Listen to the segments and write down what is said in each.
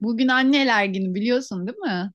Bugün anneler günü biliyorsun değil mi?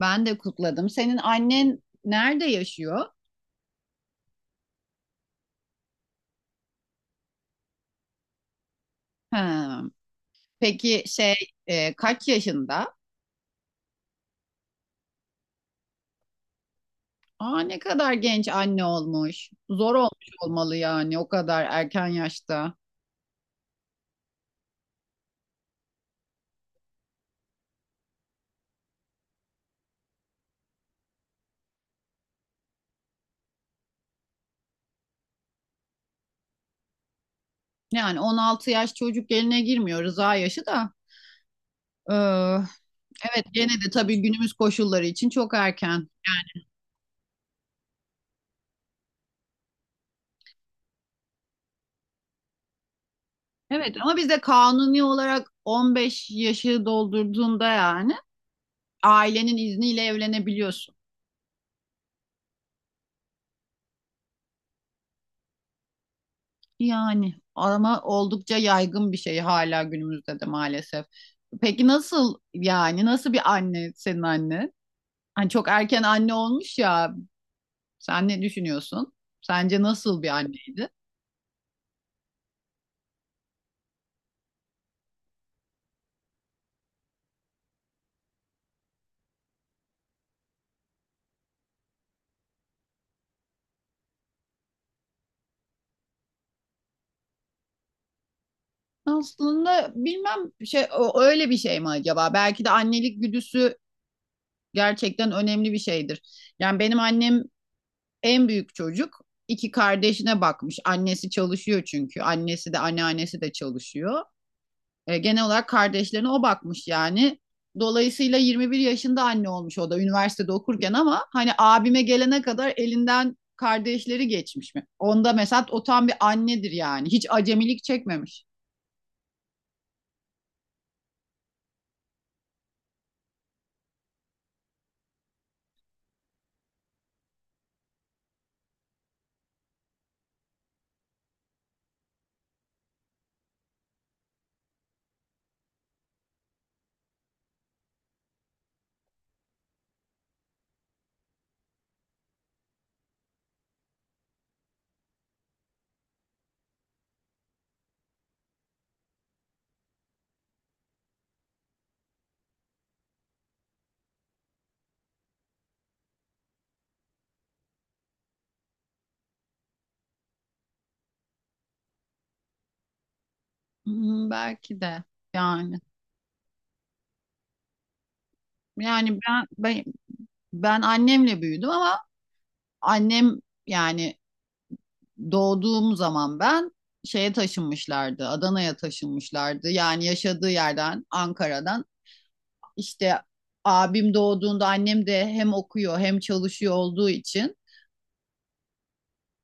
Ben de kutladım. Senin annen nerede yaşıyor? Ha. Peki kaç yaşında? Aa ne kadar genç anne olmuş. Zor olmuş olmalı yani o kadar erken yaşta. Yani 16 yaş çocuk eline girmiyor rıza yaşı da. Ee, evet gene de tabii günümüz koşulları için çok erken. Yani evet ama bizde kanuni olarak 15 yaşı doldurduğunda yani ailenin izniyle evlenebiliyorsun. Yani ama oldukça yaygın bir şey hala günümüzde de maalesef. Peki nasıl yani nasıl bir anne senin anne? Hani çok erken anne olmuş ya. Sen ne düşünüyorsun? Sence nasıl bir anneydi? Aslında bilmem öyle bir şey mi acaba? Belki de annelik güdüsü gerçekten önemli bir şeydir. Yani benim annem en büyük çocuk. İki kardeşine bakmış. Annesi çalışıyor çünkü. Annesi de anneannesi de çalışıyor. E, genel olarak kardeşlerine o bakmış yani. Dolayısıyla 21 yaşında anne olmuş o da üniversitede okurken ama hani abime gelene kadar elinden kardeşleri geçmiş mi? Onda mesela o tam bir annedir yani. Hiç acemilik çekmemiş. Hmm, belki de yani. Yani ben, ben annemle büyüdüm ama annem yani doğduğum zaman ben şeye taşınmışlardı. Adana'ya taşınmışlardı. Yani yaşadığı yerden Ankara'dan işte abim doğduğunda annem de hem okuyor hem çalışıyor olduğu için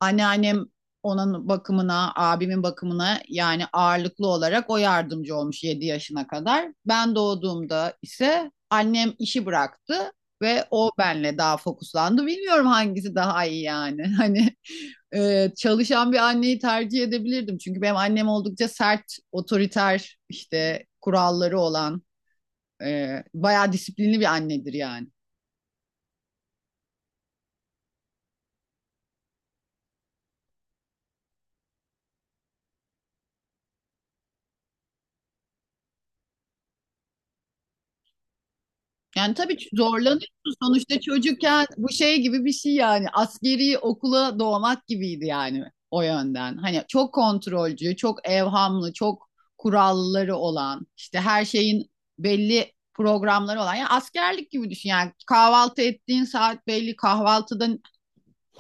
anneannem onun bakımına, abimin bakımına yani ağırlıklı olarak o yardımcı olmuş 7 yaşına kadar. Ben doğduğumda ise annem işi bıraktı ve o benle daha fokuslandı. Bilmiyorum hangisi daha iyi yani. Hani çalışan bir anneyi tercih edebilirdim. Çünkü benim annem oldukça sert, otoriter, işte kuralları olan bayağı disiplinli bir annedir yani. Yani tabii ki zorlanıyorsun sonuçta çocukken bu şey gibi bir şey yani askeri okula doğmak gibiydi yani o yönden. Hani çok kontrolcü, çok evhamlı, çok kuralları olan, işte her şeyin belli programları olan. Yani askerlik gibi düşün yani kahvaltı ettiğin saat belli, kahvaltıda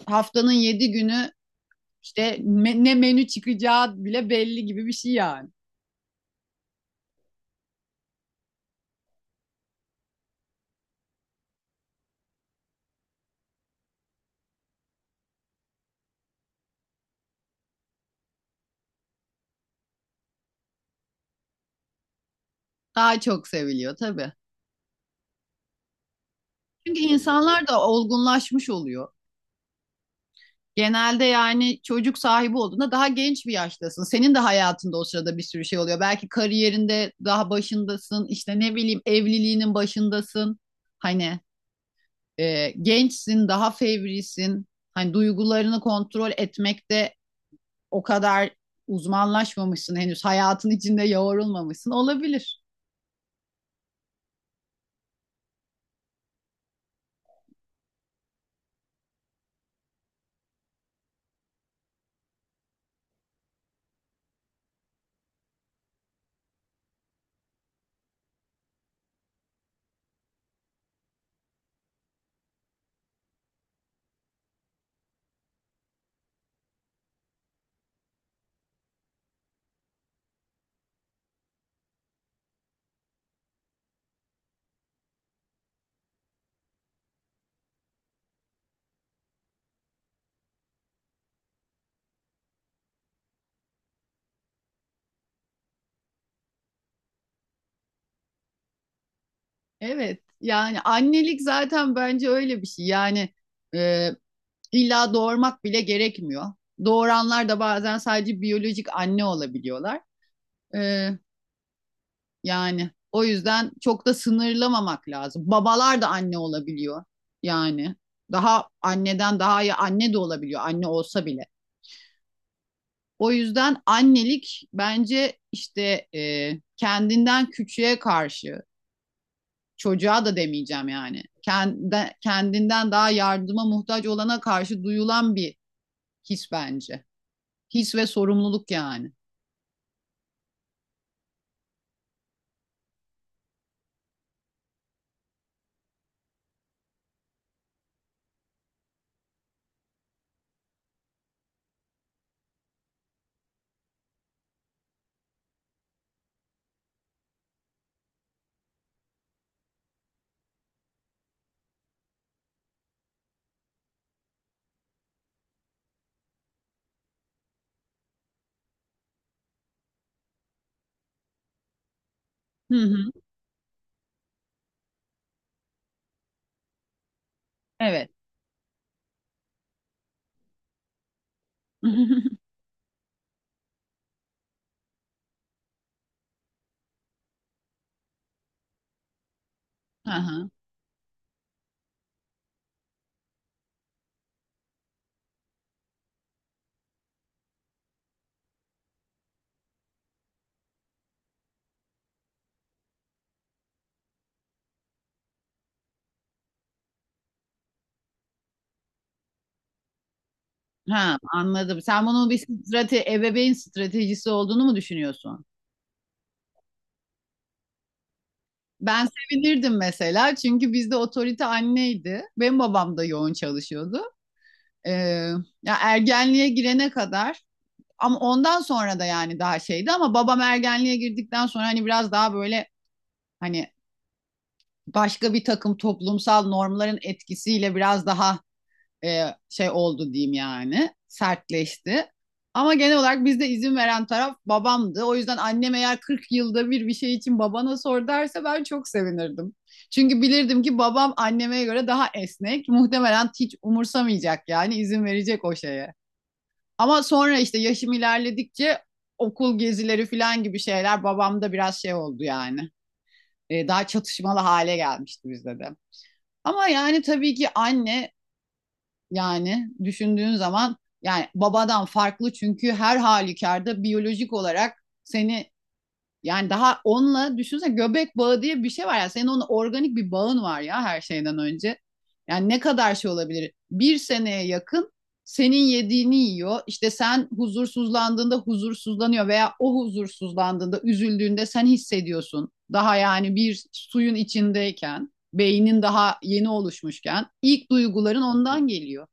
haftanın yedi günü işte ne menü çıkacağı bile belli gibi bir şey yani. Daha çok seviliyor tabii. Çünkü insanlar da olgunlaşmış oluyor. Genelde yani çocuk sahibi olduğunda daha genç bir yaştasın. Senin de hayatında o sırada bir sürü şey oluyor. Belki kariyerinde daha başındasın. İşte ne bileyim evliliğinin başındasın. Hani gençsin, daha fevrisin. Hani duygularını kontrol etmekte o kadar uzmanlaşmamışsın henüz hayatın içinde yoğrulmamışsın olabilir. Evet yani annelik zaten bence öyle bir şey yani e, illa doğurmak bile gerekmiyor. Doğuranlar da bazen sadece biyolojik anne olabiliyorlar. E, yani o yüzden çok da sınırlamamak lazım. Babalar da anne olabiliyor yani daha anneden daha iyi anne de olabiliyor anne olsa bile. O yüzden annelik bence işte kendinden küçüğe karşı çocuğa da demeyeceğim yani. Kendinden daha yardıma muhtaç olana karşı duyulan bir his bence. His ve sorumluluk yani. Hı hı. Evet. Aha. Ha, anladım. Sen bunun bir ebeveyn stratejisi olduğunu mu düşünüyorsun? Ben sevinirdim mesela çünkü bizde otorite anneydi. Benim babam da yoğun çalışıyordu. Ee, Ya ergenliğe girene kadar ama ondan sonra da yani daha şeydi ama babam ergenliğe girdikten sonra hani biraz daha böyle hani başka bir takım toplumsal normların etkisiyle biraz daha şey oldu diyeyim yani sertleşti. Ama genel olarak bizde izin veren taraf babamdı. O yüzden annem eğer 40 yılda bir bir şey için babana sor derse ben çok sevinirdim. Çünkü bilirdim ki babam anneme göre daha esnek. Muhtemelen hiç umursamayacak yani izin verecek o şeye. Ama sonra işte yaşım ilerledikçe okul gezileri falan gibi şeyler babamda biraz şey oldu yani. Daha çatışmalı hale gelmişti bizde de. Ama yani tabii ki anne yani düşündüğün zaman yani babadan farklı çünkü her halükarda biyolojik olarak seni yani daha onunla düşünsene göbek bağı diye bir şey var. Ya senin onun organik bir bağın var ya her şeyden önce. Yani ne kadar şey olabilir? Bir seneye yakın senin yediğini yiyor. İşte sen huzursuzlandığında huzursuzlanıyor veya o huzursuzlandığında, üzüldüğünde sen hissediyorsun. Daha yani bir suyun içindeyken, beynin daha yeni oluşmuşken ilk duyguların ondan geliyor.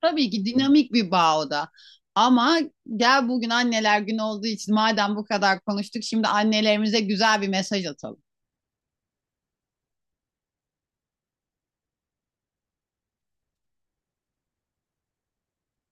Tabii ki dinamik bir bağ o da. Ama gel bugün anneler günü olduğu için madem bu kadar konuştuk şimdi annelerimize güzel bir mesaj atalım.